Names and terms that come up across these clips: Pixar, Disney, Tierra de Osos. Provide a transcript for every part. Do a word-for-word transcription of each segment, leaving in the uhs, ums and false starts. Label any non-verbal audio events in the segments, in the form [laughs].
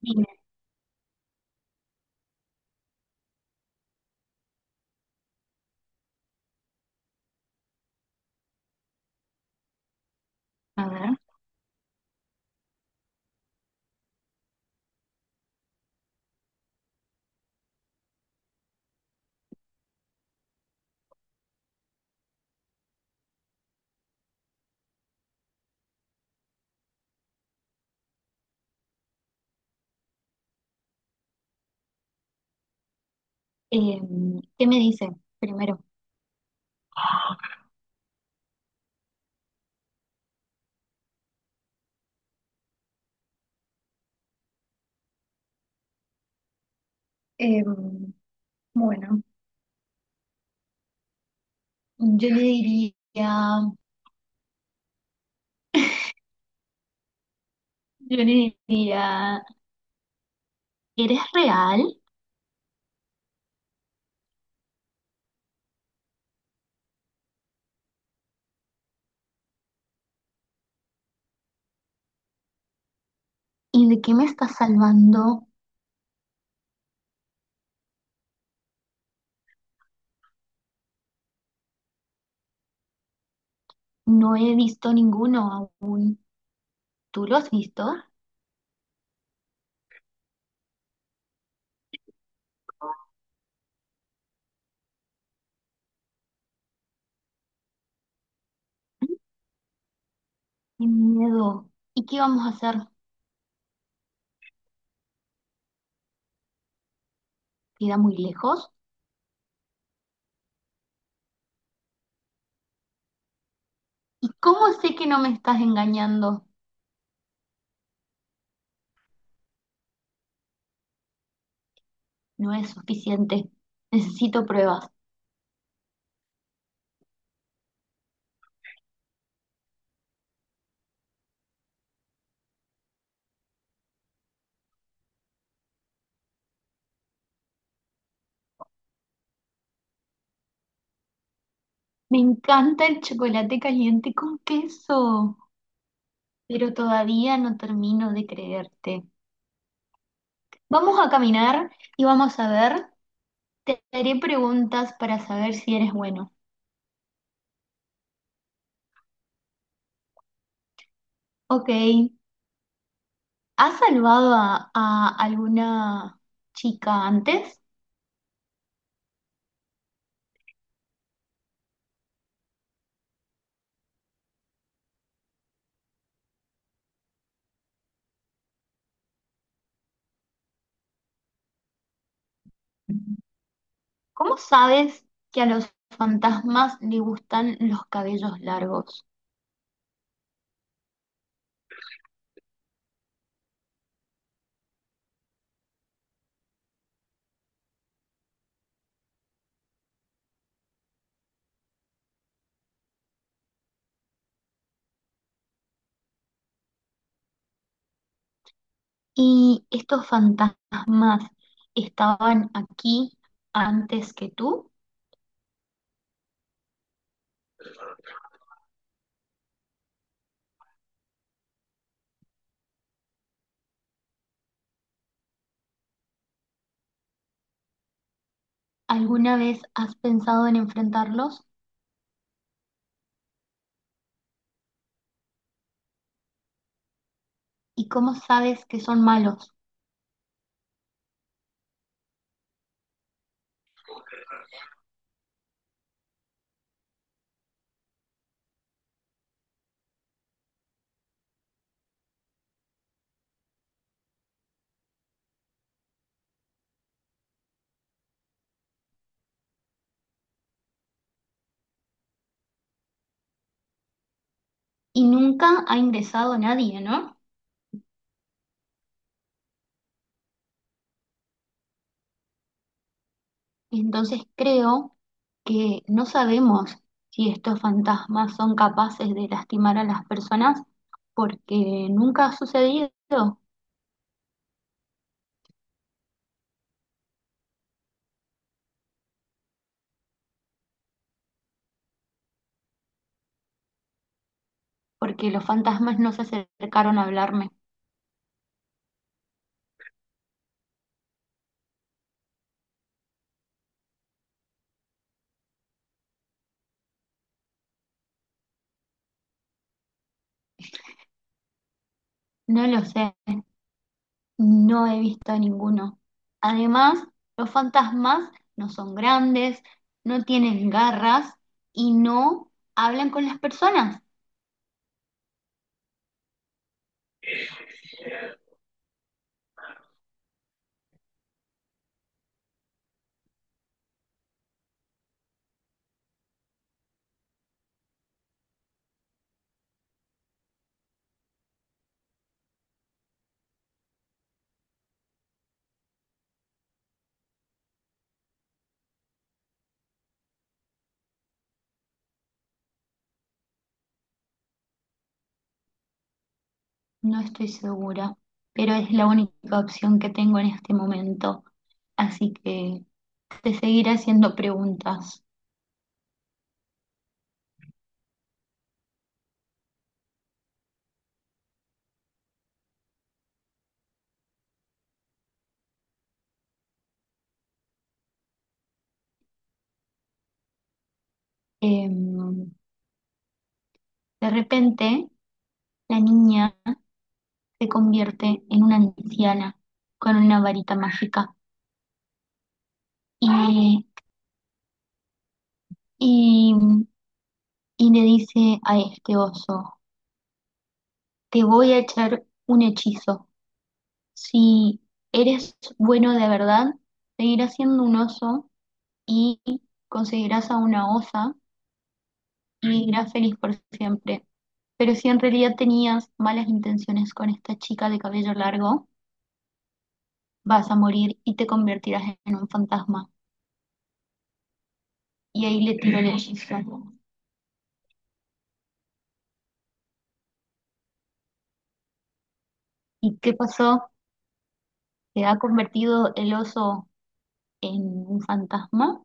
Bien, a ver, em, ¿qué me dice primero? Em, bueno, yo le diría, [laughs] yo le diría, ¿eres real? ¿Y de qué me estás salvando? No he visto ninguno aún. ¿Tú lo has visto? Qué miedo. ¿Y qué vamos a hacer? ¿Queda muy lejos? ¿Y cómo sé que no me estás engañando? No es suficiente. Necesito pruebas. Me encanta el chocolate caliente con queso, pero todavía no termino de creerte. Vamos a caminar y vamos a ver. Te haré preguntas para saber si eres bueno. Ok, ¿has salvado a, a alguna chica antes? ¿Cómo sabes que a los fantasmas le gustan los cabellos largos? ¿Y estos fantasmas estaban aquí antes que tú? ¿Alguna vez has pensado en enfrentarlos? ¿Y cómo sabes que son malos? ¿Y nunca ha ingresado nadie, no? Entonces creo que no sabemos si estos fantasmas son capaces de lastimar a las personas porque nunca ha sucedido, porque los fantasmas no se acercaron a hablarme. No lo sé, no he visto a ninguno. Además, los fantasmas no son grandes, no tienen garras y no hablan con las personas. No estoy segura, pero es la única opción que tengo en este momento. Así que te seguiré haciendo preguntas. Em, de repente, la niña se convierte en una anciana con una varita mágica y, y, y le dice a este oso, te voy a echar un hechizo. Si eres bueno de verdad, seguirás siendo un oso y conseguirás a una osa y vivirás feliz por siempre. Pero si en realidad tenías malas intenciones con esta chica de cabello largo, vas a morir y te convertirás en un fantasma. Y ahí le tiró el hechizo. [laughs] ¿Y qué pasó? ¿Se ha convertido el oso en un fantasma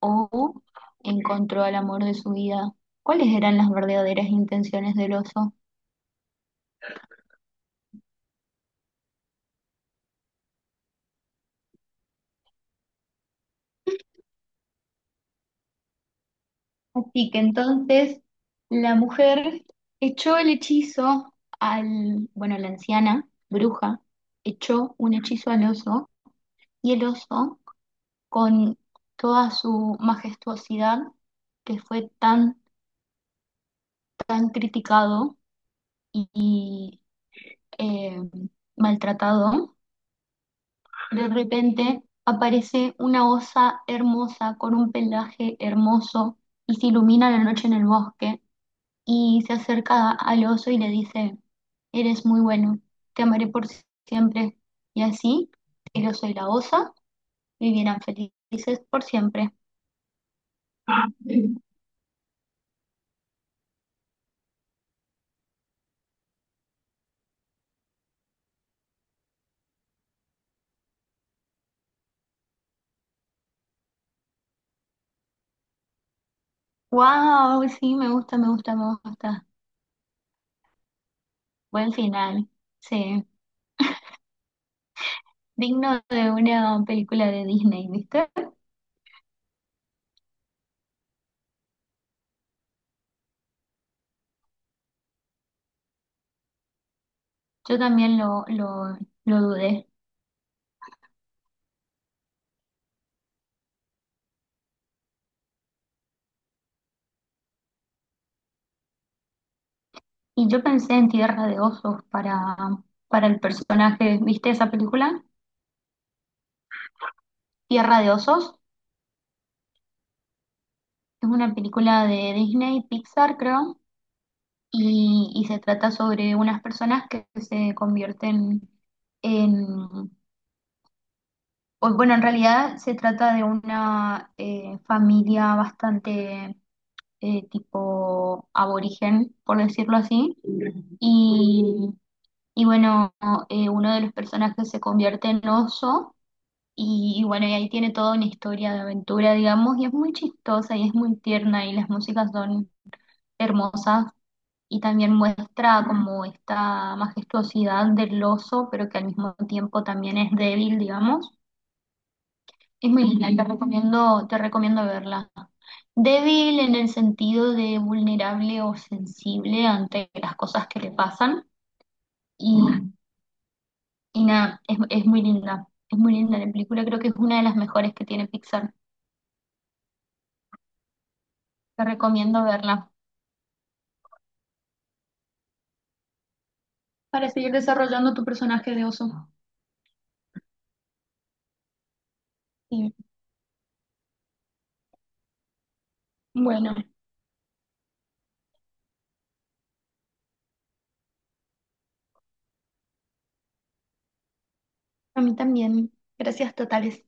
o encontró al amor de su vida? ¿Cuáles eran las verdaderas intenciones del oso? Así que entonces la mujer echó el hechizo al, bueno, la anciana bruja echó un hechizo al oso, y el oso con toda su majestuosidad, que fue tan, tan criticado y eh, maltratado, de repente aparece una osa hermosa con un pelaje hermoso, y se ilumina la noche en el bosque, y se acerca al oso y le dice, eres muy bueno, te amaré por siempre. Y así, el oso y la osa vivieran felices por siempre. [laughs] Wow, sí, me gusta, me gusta, me gusta. Buen final. Sí, digno de una película de Disney, ¿viste? Yo también lo, lo, lo dudé. Y yo pensé en Tierra de Osos para, para el personaje, ¿viste esa película? Tierra de Osos. Es una película de Disney, Pixar, creo. Y, y se trata sobre unas personas que se convierten en, o, bueno, en realidad se trata de una eh, familia bastante eh, tipo aborigen, por decirlo así, y, y bueno, eh, uno de los personajes se convierte en oso. Y, y bueno, y ahí tiene toda una historia de aventura, digamos, y es muy chistosa y es muy tierna y las músicas son hermosas. Y también muestra como esta majestuosidad del oso, pero que al mismo tiempo también es débil, digamos. Es muy linda, te recomiendo, te recomiendo verla. Débil en el sentido de vulnerable o sensible ante las cosas que le pasan. Y, y nada, es, es muy linda. Es muy linda la película, creo que es una de las mejores que tiene Pixar. Te recomiendo verla para seguir desarrollando tu personaje de oso. Sí. Bueno, a mí también. Gracias totales.